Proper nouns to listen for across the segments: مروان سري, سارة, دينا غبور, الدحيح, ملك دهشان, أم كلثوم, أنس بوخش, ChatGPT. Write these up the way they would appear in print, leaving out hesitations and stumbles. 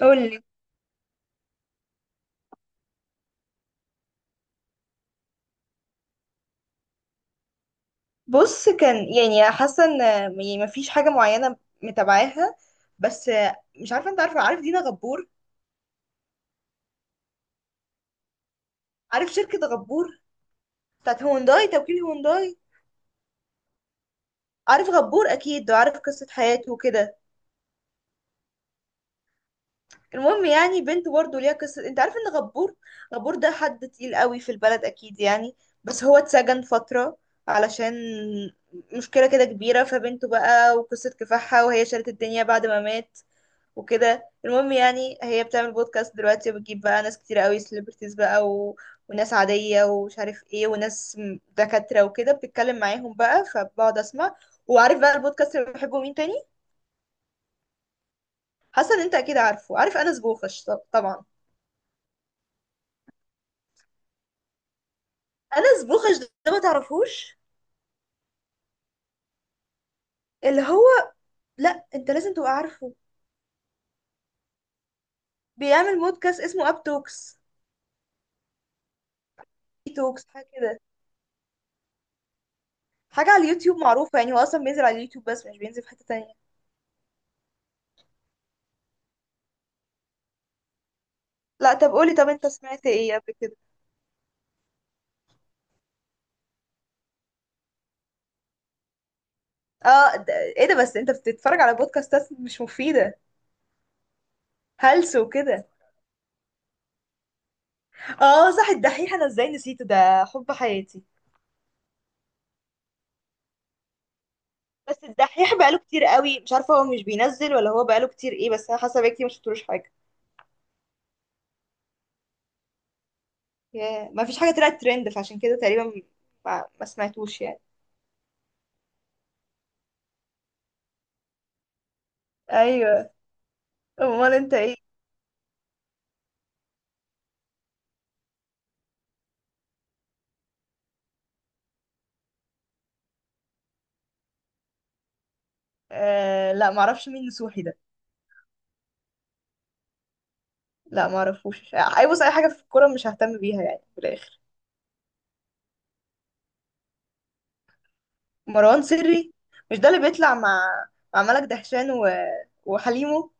قولي. بص، كان يعني حاسه ان يعني مفيش حاجه معينه متابعاها، بس مش عارفه. انت عارف دينا غبور؟ عارف شركه غبور بتاعت هونداي، توكيل هونداي. عارف غبور اكيد، وعارف قصه حياته وكده. المهم يعني بنته برضه ليها قصه. انت عارف ان غبور ده حد تقيل قوي في البلد اكيد يعني. بس هو اتسجن فتره علشان مشكله كده كبيره. فبنته بقى وقصه كفاحها، وهي شالت الدنيا بعد ما مات وكده. المهم يعني هي بتعمل بودكاست دلوقتي، وبتجيب بقى ناس كتير قوي، سليبرتيز بقى و... وناس عادية ومش عارف ايه، وناس دكاترة وكده، بتتكلم معاهم بقى، فبقعد اسمع. وعارف بقى البودكاست اللي بحبه مين تاني؟ حسن. انت اكيد عارف انس بوخش طبعا. انس بوخش ده ما تعرفوش؟ اللي هو لا، انت لازم تبقى عارفه. بيعمل بودكاست اسمه اب توكس اي توكس، حاجة كده، حاجة على اليوتيوب معروفة يعني. هو اصلا بينزل على اليوتيوب، بس مش بينزل في حتة تانية. لا، طب قولي، طب انت سمعت ايه قبل كده؟ اه، ده ايه ده؟ بس انت بتتفرج على بودكاستات مش مفيدة، هلس وكده. اه صح، الدحيح. انا ازاي نسيته؟ ده حب حياتي. بس الدحيح بقاله كتير قوي، مش عارفة هو مش بينزل ولا هو بقاله كتير ايه، بس انا حاسة بقالي كتير ما شفتلوش حاجة. ياه، ما فيش حاجة طلعت ترند، فعشان كده تقريبا ما سمعتوش يعني. ايوه. امال انت ايه؟ آه، لا معرفش مين نسوحي ده. لا معرفوش. اي، بص، اي حاجة في الكورة مش ههتم بيها يعني في الاخر. مروان سري، مش ده اللي بيطلع مع ملك دهشان و... وحليمه؟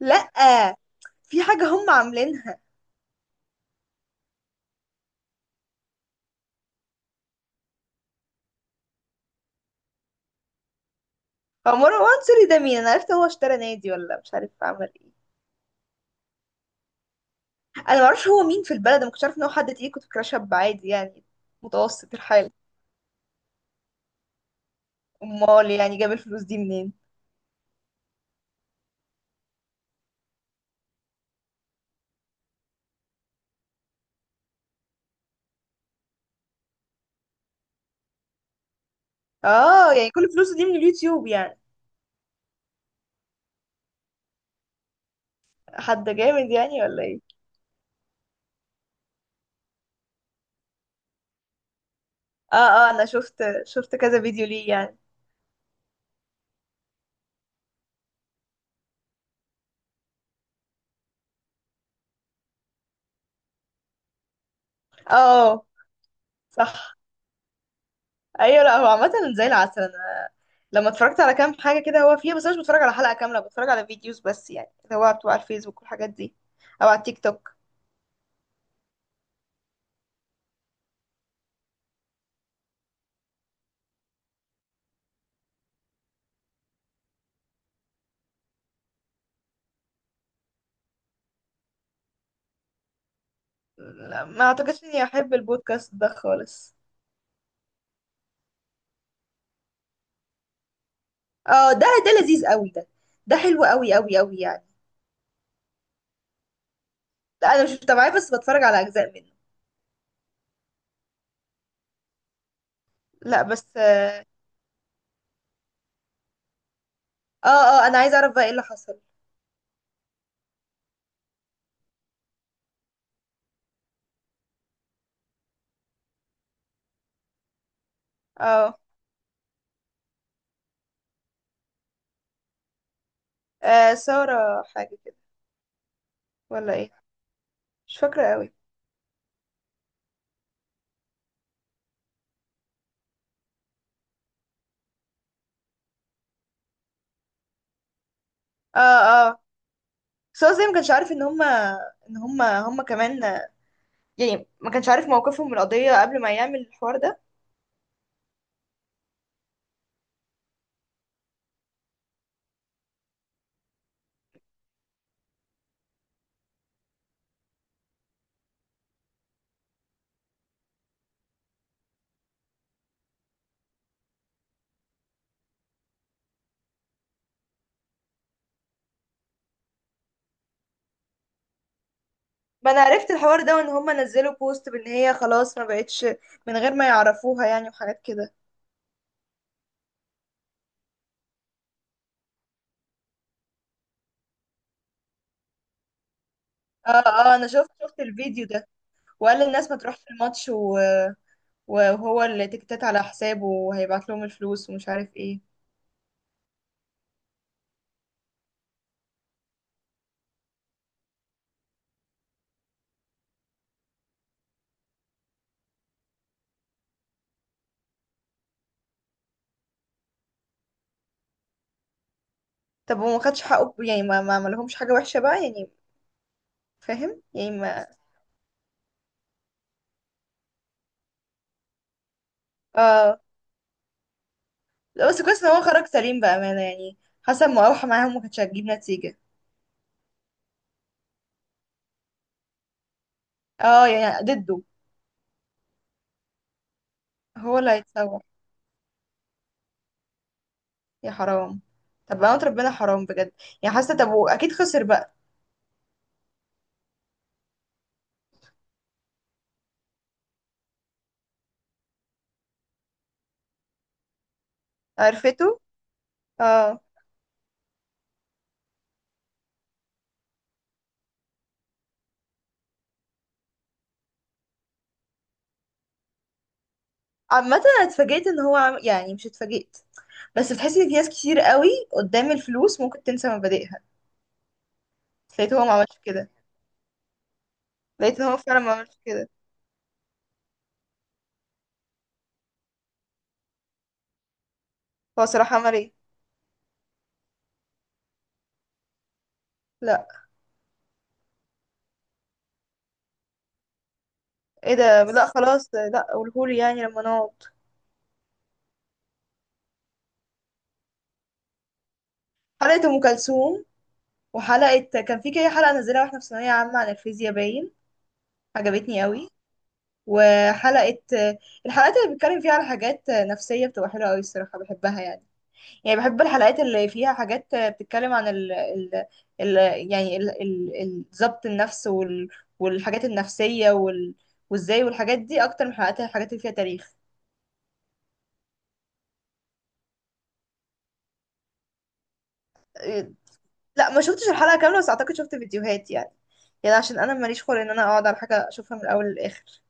لأ، في حاجة هم عاملينها. هو مروان سوري ده مين؟ انا عرفت هو اشترى نادي ولا مش عارف عمل ايه. انا معرفش هو مين في البلد، أنا ما كنتش عارف ان هو حد تقيل، كنت فاكراه شاب عادي يعني، متوسط الحال. امال يعني جاب الفلوس دي منين؟ اه يعني كل فلوسه دي من اليوتيوب يعني؟ حد جامد يعني ولا ايه؟ اه اه، انا شفت كذا فيديو ليه يعني. اه صح. ايوه، لا هو عامة زي العسل. انا لما اتفرجت على كام حاجة كده هو فيها، بس انا مش بتفرج على حلقة كاملة، بتفرج على فيديوز بس يعني، اللي هو بتبقى على الفيسبوك والحاجات دي، او على التيك توك. لا، ما اعتقدش اني احب البودكاست ده خالص. اه، ده لذيذ قوي ده، ده حلو قوي قوي قوي يعني. لا انا مش متابعاه، بس بتفرج على اجزاء منه. لا بس. اه اه، انا عايزه اعرف بقى ايه اللي حصل. اه، سارة حاجه كده ولا ايه؟ مش فاكره قوي. اه اه، سارة. زي ما كانش عارف ان هما هما كمان يعني، ما كانش عارف موقفهم من القضيه قبل ما يعمل الحوار ده. ما انا عرفت الحوار ده، وان هما نزلوا بوست بان هي خلاص ما بقتش، من غير ما يعرفوها يعني، وحاجات كده. اه اه، انا شفت الفيديو ده، وقال الناس ما تروحش الماتش و... وهو اللي تكتات على حسابه وهيبعت لهم الفلوس ومش عارف ايه. طب وما خدش حقه يعني؟ ما عملهمش حاجة وحشة بقى يعني، فاهم يعني؟ ما اه. لا بس كويس ان هو خرج سليم بأمانة يعني، حسب ما اوحى معاهم ما كانتش هتجيب نتيجة. اه يعني ضده. هو اللي هيتسوح، يا حرام. طب بقى، ربنا، حرام بجد. يعني حاسة. طب واكيد خسر بقى. عرفته. اه. عامة انا اتفاجئت ان هو يعني مش اتفاجئت، بس بتحسي ان في ناس كتير قوي قدام الفلوس ممكن تنسى مبادئها. لقيت هو ما عملش كده. لقيت ان هو فعلا ما عملش كده. هو صراحة عمل ايه؟ لا. ايه ده؟ لا خلاص، لا قولهولي يعني لما نقعد. حلقة ام كلثوم، وحلقة كان في كده حلقة نزلها واحنا في ثانوية عامة عن الفيزياء، باين عجبتني قوي. وحلقة الحلقات اللي بيتكلم فيها على حاجات نفسية بتبقى حلوة قوي الصراحة، بحبها يعني. يعني بحب الحلقات اللي فيها حاجات بتتكلم عن ال ال ال يعني ضبط النفس والحاجات النفسية وازاي، والحاجات دي، اكتر من حلقات الحاجات اللي فيها تاريخ. إيه، لا ما شفتش الحلقة كاملة، بس اعتقد شفت فيديوهات يعني. يعني عشان انا ماليش خلق ان انا اقعد على حاجة اشوفها من الاول للاخر.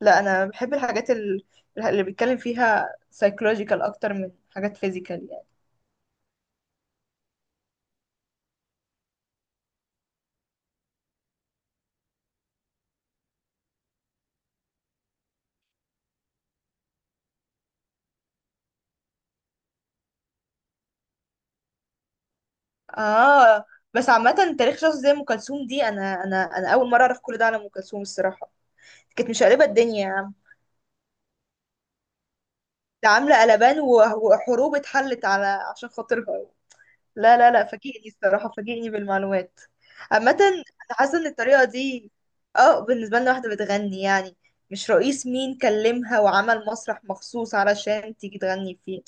لا انا بحب الحاجات اللي بيتكلم فيها psychological اكتر من حاجات physical يعني. اه. بس عامة، تاريخ شخص زي ام كلثوم دي، انا اول مرة اعرف كل ده على ام كلثوم الصراحة. كانت مشقلبة الدنيا يا عم. ده عاملة قلبان وحروب اتحلت على عشان خاطرها. لا لا لا، فاجئني الصراحة، فاجئني بالمعلومات. عامة أنا حاسة إن الطريقة دي، اه، بالنسبة لنا واحدة بتغني يعني، مش رئيس مين كلمها وعمل مسرح مخصوص علشان تيجي تغني فيه.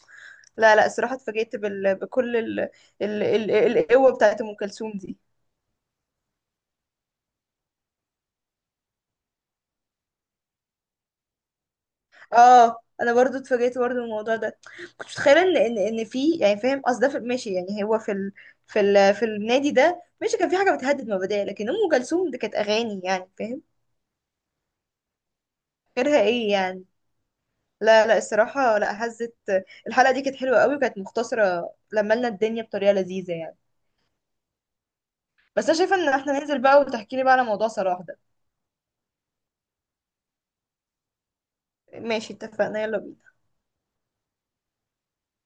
لا لا الصراحة، اتفاجئت بكل ال ال...قوة بتاعت أم كلثوم دي. اه، انا برضو اتفاجئت برضو من الموضوع ده. كنت متخيله ان في يعني، فاهم قصد ده؟ ماشي يعني، هو في النادي ده ماشي كان في حاجه بتهدد مبادئ، لكن ام كلثوم دي كانت اغاني يعني فاهم؟ غيرها ايه يعني؟ لا لا الصراحه، لا، هزت. الحلقه دي كانت حلوه قوي، وكانت مختصره لما لنا الدنيا بطريقه لذيذه يعني. بس انا شايفه ان احنا ننزل بقى وتحكي لي بقى على موضوع صلاح ده. ماشي اتفقنا، يلا بينا.